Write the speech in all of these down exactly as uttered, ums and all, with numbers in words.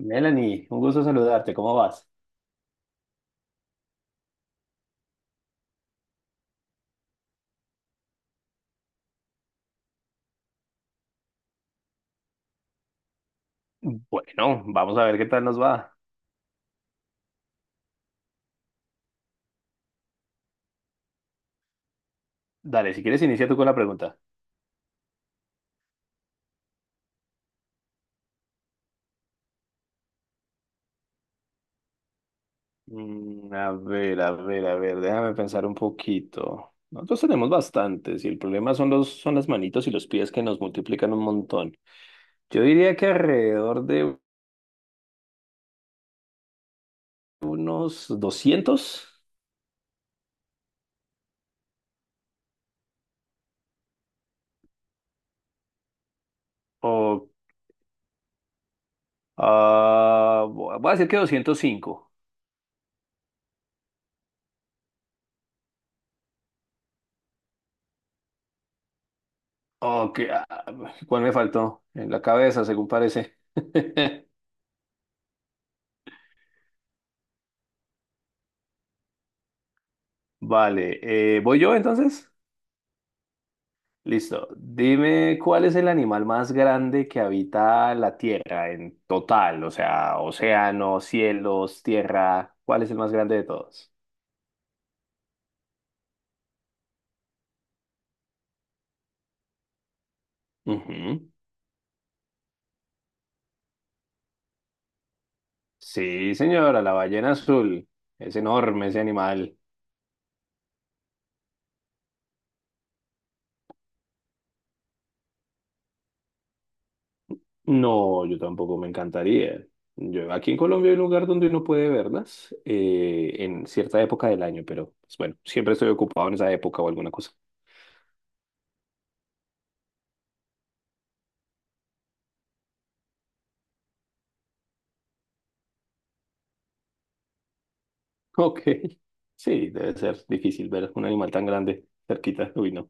Melanie, un gusto saludarte, ¿cómo vas? Bueno, vamos a ver qué tal nos va. Dale, si quieres inicia tú con la pregunta. Mm, a ver, a ver, a ver, déjame pensar un poquito. Nosotros tenemos bastantes y el problema son los, son las manitos y los pies que nos multiplican un montón. Yo diría que alrededor de unos doscientos o ah, voy a decir que doscientos cinco. Ok, ah, ¿cuál me faltó? En la cabeza, según parece. Vale, eh, ¿voy yo entonces? Listo. Dime cuál es el animal más grande que habita la Tierra en total, o sea, océano, cielos, tierra. ¿Cuál es el más grande de todos? Ujú. Sí, señora, la ballena azul. Es enorme ese animal. No, yo tampoco, me encantaría. Yo, aquí en Colombia hay un lugar donde uno puede verlas eh, en cierta época del año, pero pues, bueno, siempre estoy ocupado en esa época o alguna cosa. Ok, sí, debe ser difícil ver un animal tan grande cerquita. Uy, no.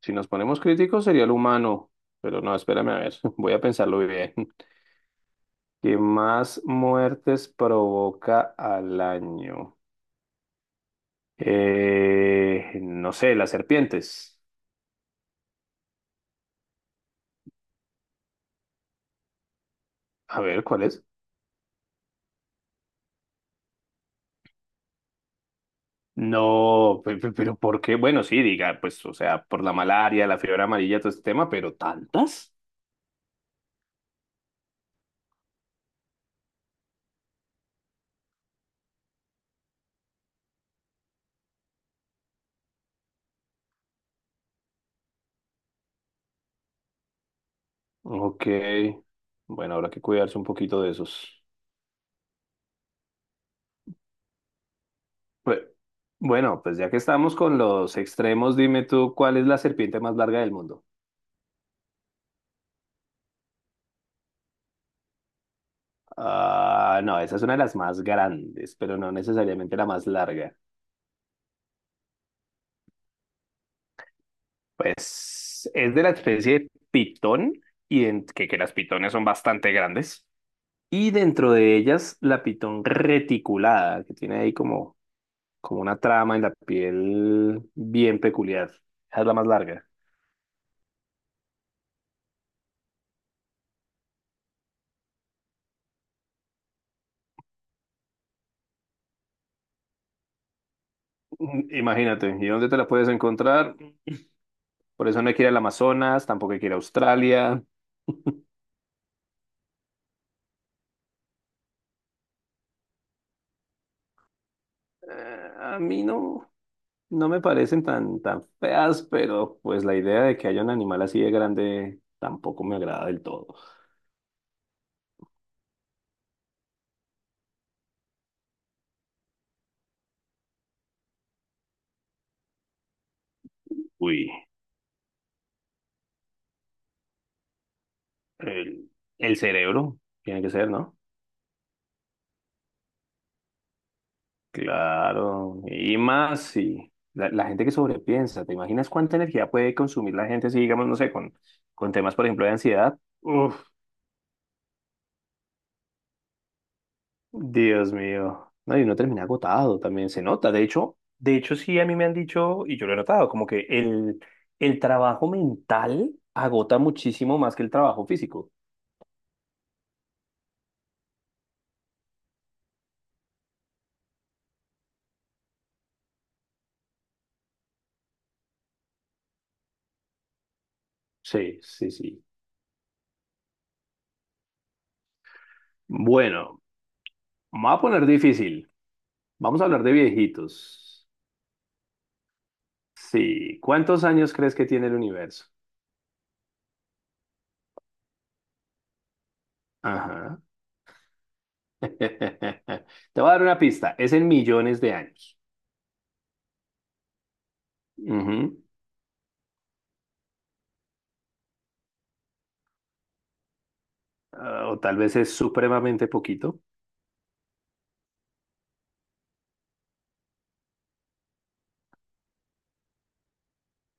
Si nos ponemos críticos sería el humano, pero no, espérame a ver, voy a pensarlo bien. ¿Qué más muertes provoca al año? Eh, no sé, las serpientes. A ver, ¿cuál es? No, pe- pe- pero ¿por qué? Bueno, sí, diga, pues, o sea, por la malaria, la fiebre amarilla, todo este tema, ¿pero tantas? Ok, bueno, habrá que cuidarse un poquito de esos. Pues, bueno, pues ya que estamos con los extremos, dime tú, ¿cuál es la serpiente más larga del mundo? Ah, no, esa es una de las más grandes, pero no necesariamente la más larga. Pues es de la especie de pitón, y en- que, que las pitones son bastante grandes. Y dentro de ellas, la pitón reticulada, que tiene ahí como, como una trama en la piel bien peculiar. Esa es la más larga. Mm, Imagínate, ¿y dónde te la puedes encontrar? Por eso no hay que ir al Amazonas, tampoco hay que ir a Australia. Eh, a mí no, no me parecen tan, tan feas, pero pues la idea de que haya un animal así de grande tampoco me agrada del todo. Uy, el, el cerebro tiene que ser, ¿no? Claro, y más si la, la gente que sobrepiensa, ¿te imaginas cuánta energía puede consumir la gente si, digamos, no sé, con, con temas, por ejemplo, de ansiedad? Uf. Dios mío. No, y uno termina agotado también, se nota. De hecho, de hecho, sí, a mí me han dicho, y yo lo he notado, como que el, el trabajo mental agota muchísimo más que el trabajo físico. Sí, sí, sí. Bueno, me va a poner difícil. Vamos a hablar de viejitos. Sí, ¿cuántos años crees que tiene el universo? Ajá. Te voy a dar una pista. Es en millones de años. Ujú. Ah, o tal vez es supremamente poquito.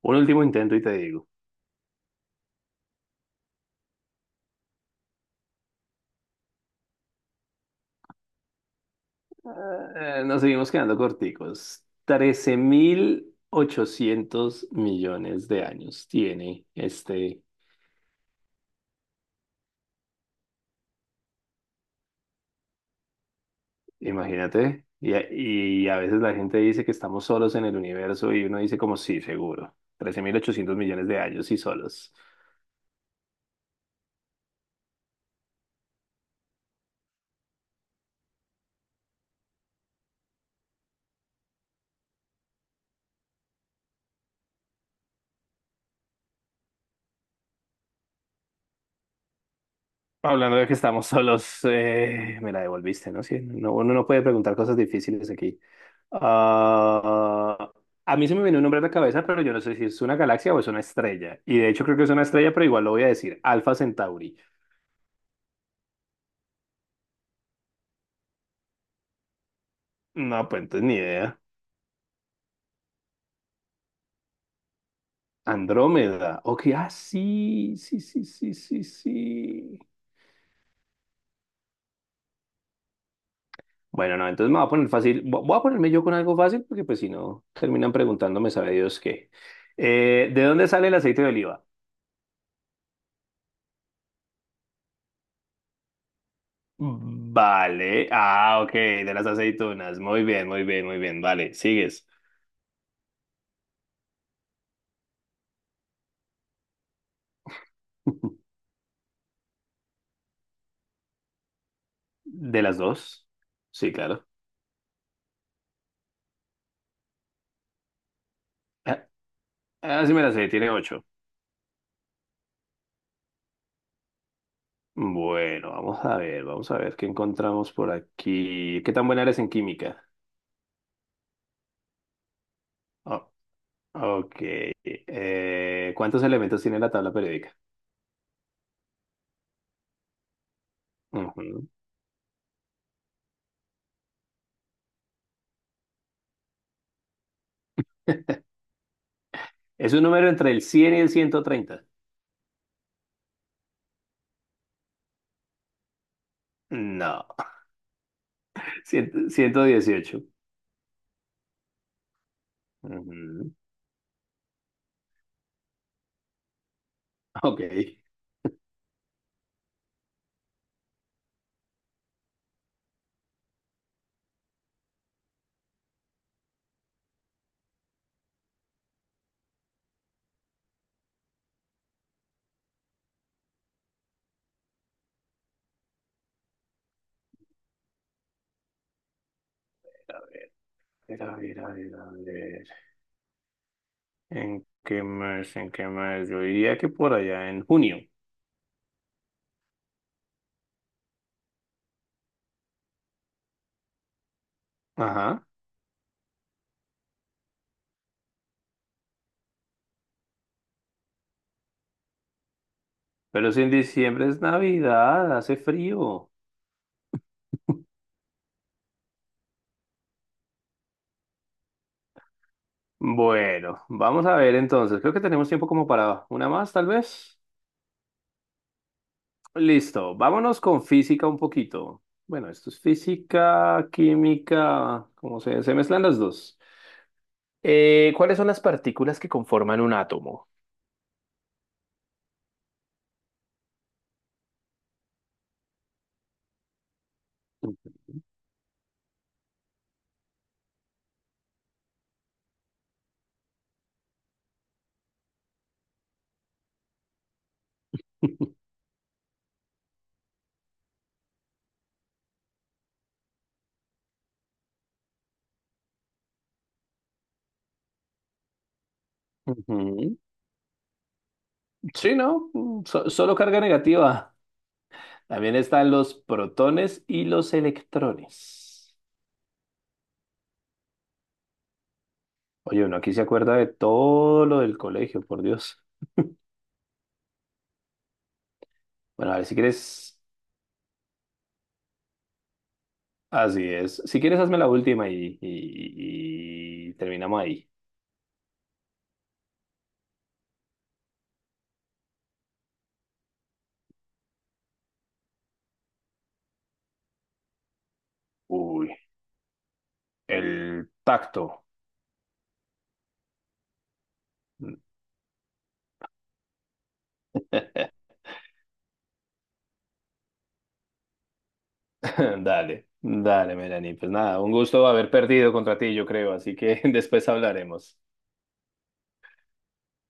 Un último intento y te digo. Eh, nos seguimos quedando corticos. Trece mil ochocientos millones de años tiene este, imagínate. Y, a- y a veces la gente dice que estamos solos en el universo y uno dice como sí, seguro. Trece mil ochocientos millones de años y solos. Hablando de que estamos solos, eh, me la devolviste, ¿no? Sí, no, uno no puede preguntar cosas difíciles aquí. Ah, a mí se me viene un nombre a la cabeza, pero yo no sé si es una galaxia o es una estrella. Y de hecho creo que es una estrella, pero igual lo voy a decir. Alfa Centauri. No, pues entonces ni idea. Andrómeda. Ok, ah, sí, sí, sí, sí, sí, sí. Bueno, no, entonces me voy a poner fácil. Vo- Voy a ponerme yo con algo fácil, porque pues si no, terminan preguntándome, sabe Dios qué. Eh, ¿de dónde sale el aceite de oliva? Vale. Ah, ok, de las aceitunas. Muy bien, muy bien, muy bien. Vale, sigues. ¿De las dos? Sí, claro. Ah, ah, sí me la sé, tiene ocho. Bueno, vamos a ver, vamos a ver qué encontramos por aquí. ¿Qué tan buena eres en química? Oh, ok. Eh, ¿cuántos elementos tiene la tabla periódica? Ujú. ¿Es un número entre el cien y el ciento treinta? No. Cien- ciento dieciocho. Ujú. Ok. A ver, a ver, a ver, a ver. ¿En qué mes? ¿En qué mes? Yo diría que por allá en junio. Ajá. Pero si en diciembre es Navidad, hace frío. Bueno, vamos a ver entonces. Creo que tenemos tiempo como para una más, tal vez. Listo. Vámonos con física un poquito. Bueno, esto es física, química, como se, se mezclan las dos. Eh, ¿cuáles son las partículas que conforman un átomo? Ujú. Sí, ¿no? Mm, so- solo carga negativa. También están los protones y los electrones. Oye, uno aquí se acuerda de todo lo del colegio, por Dios. Bueno, a ver, si quieres, así es. Si quieres, hazme la última y, y- y terminamos ahí. Uy, el tacto. Dale, dale, Melanie. Pues nada, un gusto haber perdido contra ti, yo creo, así que después hablaremos.